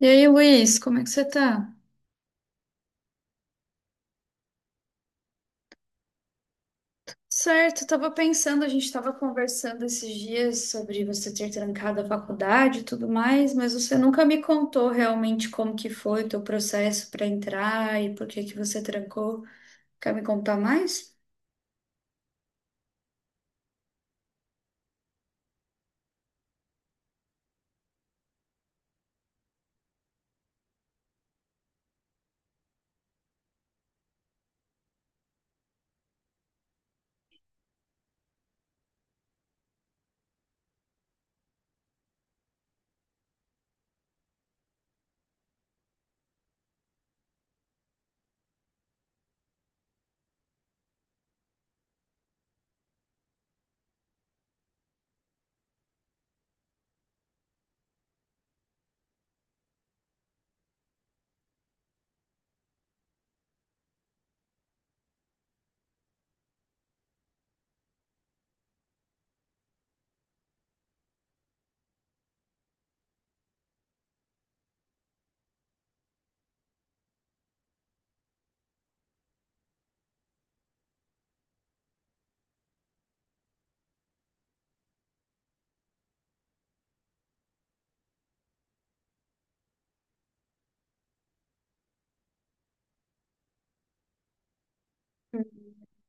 E aí, Luiz, como é que você tá? Certo, eu tava pensando, a gente tava conversando esses dias sobre você ter trancado a faculdade e tudo mais, mas você nunca me contou realmente como que foi o teu processo para entrar e por que que você trancou. Quer me contar mais?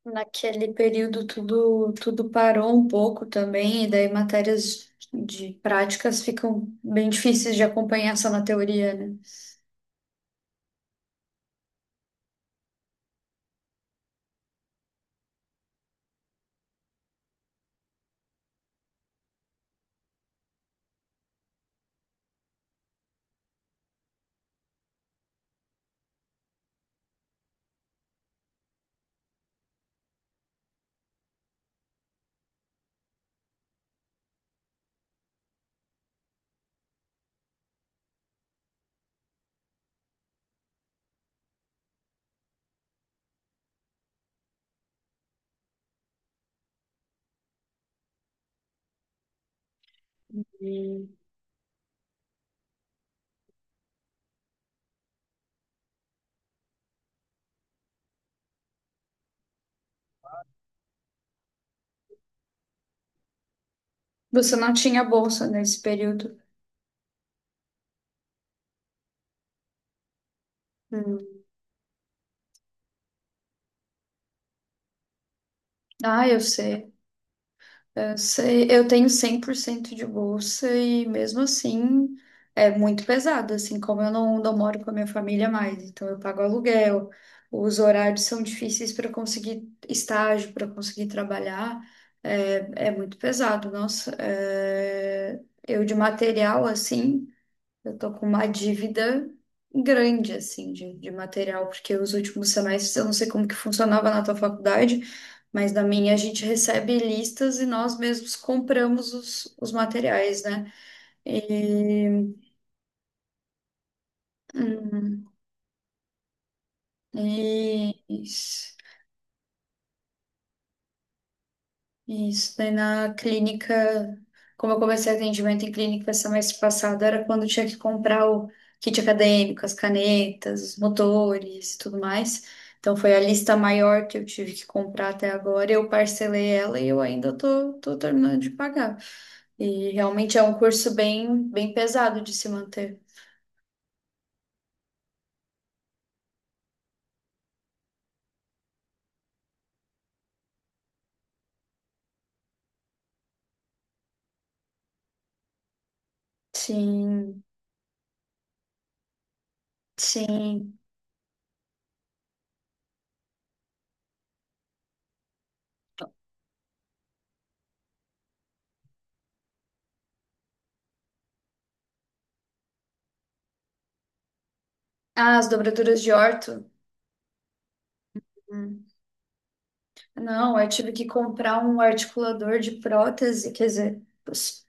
Naquele período tudo parou um pouco também, e daí matérias de práticas ficam bem difíceis de acompanhar só na teoria, né? E você não tinha bolsa nesse período. Hum. Ah, eu sei. Eu sei, eu tenho 100% de bolsa e mesmo assim é muito pesado, assim, como eu não moro com a minha família mais, então eu pago aluguel, os horários são difíceis para conseguir estágio, para conseguir trabalhar, é, é muito pesado, nossa. É, eu de material, assim, eu tô com uma dívida grande, assim, de material, porque os últimos semestres, eu não sei como que funcionava na tua faculdade, mas na minha a gente recebe listas e nós mesmos compramos os materiais, né? E, hum, e isso. Isso, daí na clínica, como eu comecei atendimento em clínica semestre passado, era quando eu tinha que comprar o kit acadêmico, as canetas, os motores e tudo mais. Então foi a lista maior que eu tive que comprar até agora. Eu parcelei ela e eu ainda tô terminando de pagar. E realmente é um curso bem, bem pesado de se manter. Sim, sim. Ah, as dobraduras de orto. Hum. Não, eu tive que comprar um articulador de prótese, quer dizer,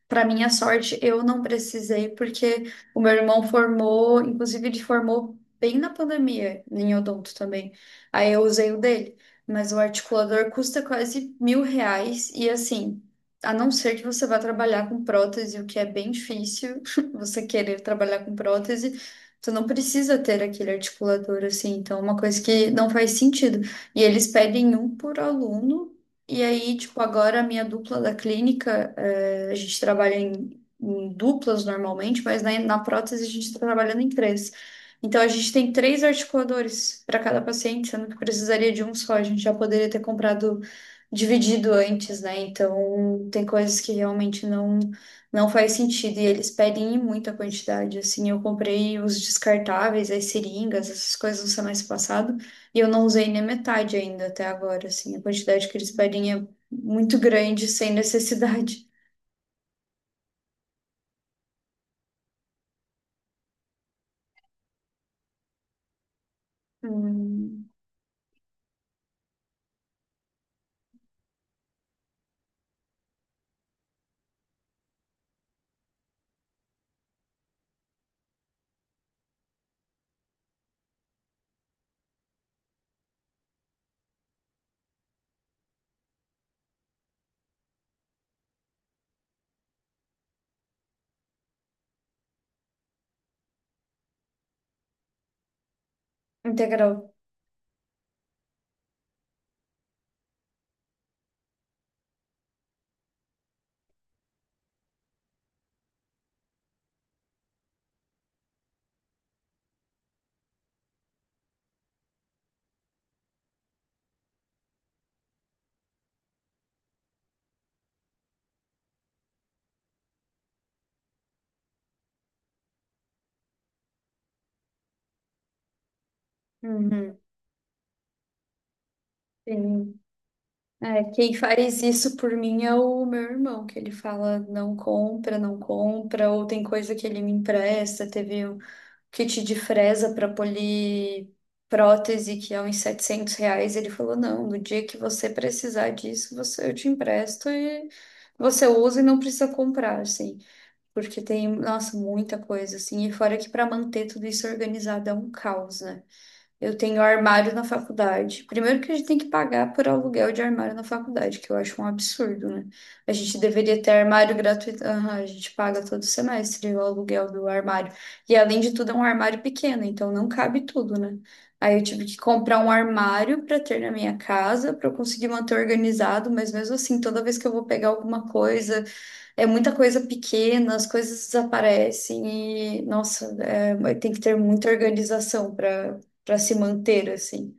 para minha sorte, eu não precisei, porque o meu irmão formou, inclusive ele formou bem na pandemia, em odonto também. Aí eu usei o dele, mas o articulador custa quase mil reais, e assim, a não ser que você vá trabalhar com prótese, o que é bem difícil, você querer trabalhar com prótese, você não precisa ter aquele articulador, assim, então é uma coisa que não faz sentido. E eles pedem um por aluno. E aí, tipo, agora a minha dupla da clínica, eh, a gente trabalha em duplas normalmente, mas na, na prótese a gente está trabalhando em três. Então a gente tem três articuladores para cada paciente, sendo que precisaria de um só. A gente já poderia ter comprado dividido antes, né? Então tem coisas que realmente não faz sentido e eles pedem em muita quantidade. Assim, eu comprei os descartáveis, as seringas, essas coisas no semestre passado. E eu não usei nem metade ainda até agora, assim. A quantidade que eles pedem é muito grande, sem necessidade. Hum, integral. Uhum, sim. É, quem faz isso por mim é o meu irmão, que ele fala não compra, não compra, ou tem coisa que ele me empresta. Teve um kit de fresa para polir prótese, que é uns 700 reais. Ele falou: não, no dia que você precisar disso, você, eu te empresto e você usa e não precisa comprar, assim. Porque tem, nossa, muita coisa, assim. E fora que para manter tudo isso organizado é um caos, né? Eu tenho armário na faculdade. Primeiro que a gente tem que pagar por aluguel de armário na faculdade, que eu acho um absurdo, né? A gente deveria ter armário gratuito. Aham, a gente paga todo semestre o aluguel do armário. E além de tudo, é um armário pequeno, então não cabe tudo, né? Aí eu tive que comprar um armário para ter na minha casa, para eu conseguir manter organizado, mas mesmo assim, toda vez que eu vou pegar alguma coisa, é muita coisa pequena, as coisas desaparecem e, nossa, é, tem que ter muita organização para se manter assim.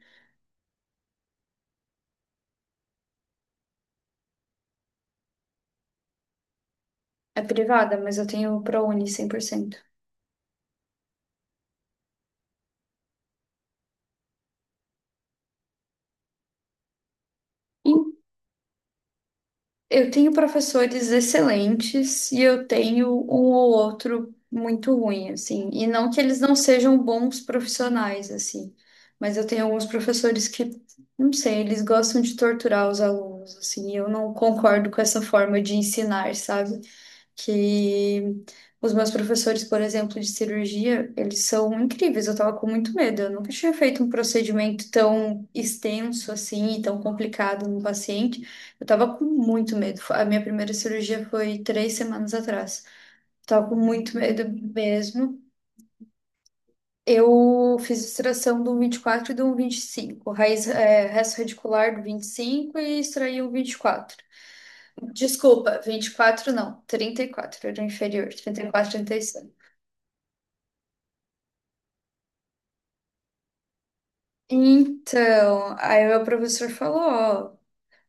É privada, mas eu tenho ProUni 100% e eu tenho professores excelentes e eu tenho um ou outro muito ruim, assim. E não que eles não sejam bons profissionais, assim. Mas eu tenho alguns professores que, não sei, eles gostam de torturar os alunos, assim. E eu não concordo com essa forma de ensinar, sabe? Que os meus professores, por exemplo, de cirurgia, eles são incríveis. Eu tava com muito medo. Eu nunca tinha feito um procedimento tão extenso assim e tão complicado no paciente. Eu tava com muito medo. A minha primeira cirurgia foi três semanas atrás. Eu tava com muito medo mesmo. Eu fiz extração do vinte e quatro e do 25. Raiz, é, resto radicular do vinte e cinco e extraí o 24. Desculpa, 24 não, 34. Era o inferior, trinta e quatro, trinta e 36. Então, aí o meu professor falou, ó,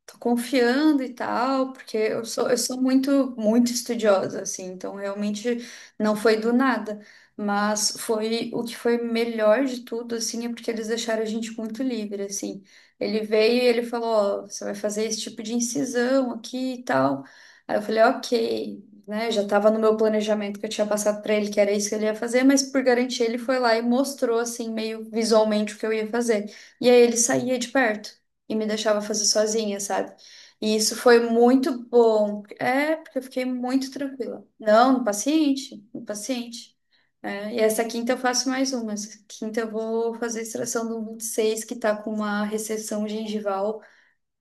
tô confiando e tal, porque eu sou muito, muito estudiosa, assim, então realmente não foi do nada, mas foi o que foi melhor de tudo, assim, é porque eles deixaram a gente muito livre, assim. Ele veio e ele falou, ó, você vai fazer esse tipo de incisão aqui e tal. Aí eu falei, ok, né, já tava no meu planejamento que eu tinha passado pra ele, que era isso que ele ia fazer, mas por garantia ele foi lá e mostrou, assim, meio visualmente o que eu ia fazer. E aí ele saía de perto e me deixava fazer sozinha, sabe? E isso foi muito bom. É, porque eu fiquei muito tranquila. Não, no paciente, no paciente. É, e essa quinta eu faço mais uma. Essa quinta eu vou fazer a extração do 26 que tá com uma recessão gengival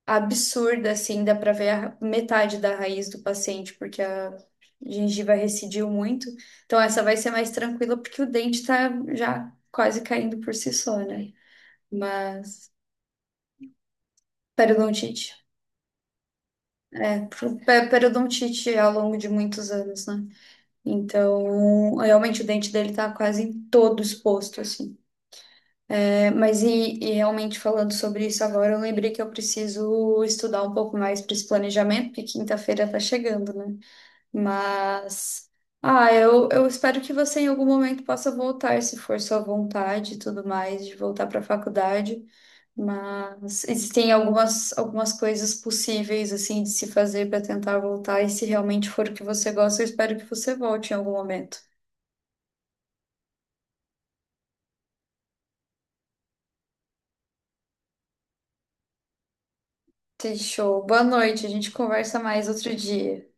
absurda, assim, dá pra ver a metade da raiz do paciente, porque a gengiva recidiu muito. Então essa vai ser mais tranquila, porque o dente tá já quase caindo por si só, né? Mas periodontite. Periodontite ao longo de muitos anos, né? Então, realmente o dente dele tá quase todo exposto, assim. É, mas e realmente falando sobre isso agora, eu lembrei que eu preciso estudar um pouco mais para esse planejamento, porque quinta-feira tá chegando, né? Mas, ah, eu espero que você em algum momento possa voltar, se for sua vontade e tudo mais, de voltar para a faculdade. Mas existem algumas coisas possíveis assim de se fazer para tentar voltar, e se realmente for o que você gosta, eu espero que você volte em algum momento. Fechou. Boa noite, a gente conversa mais outro dia.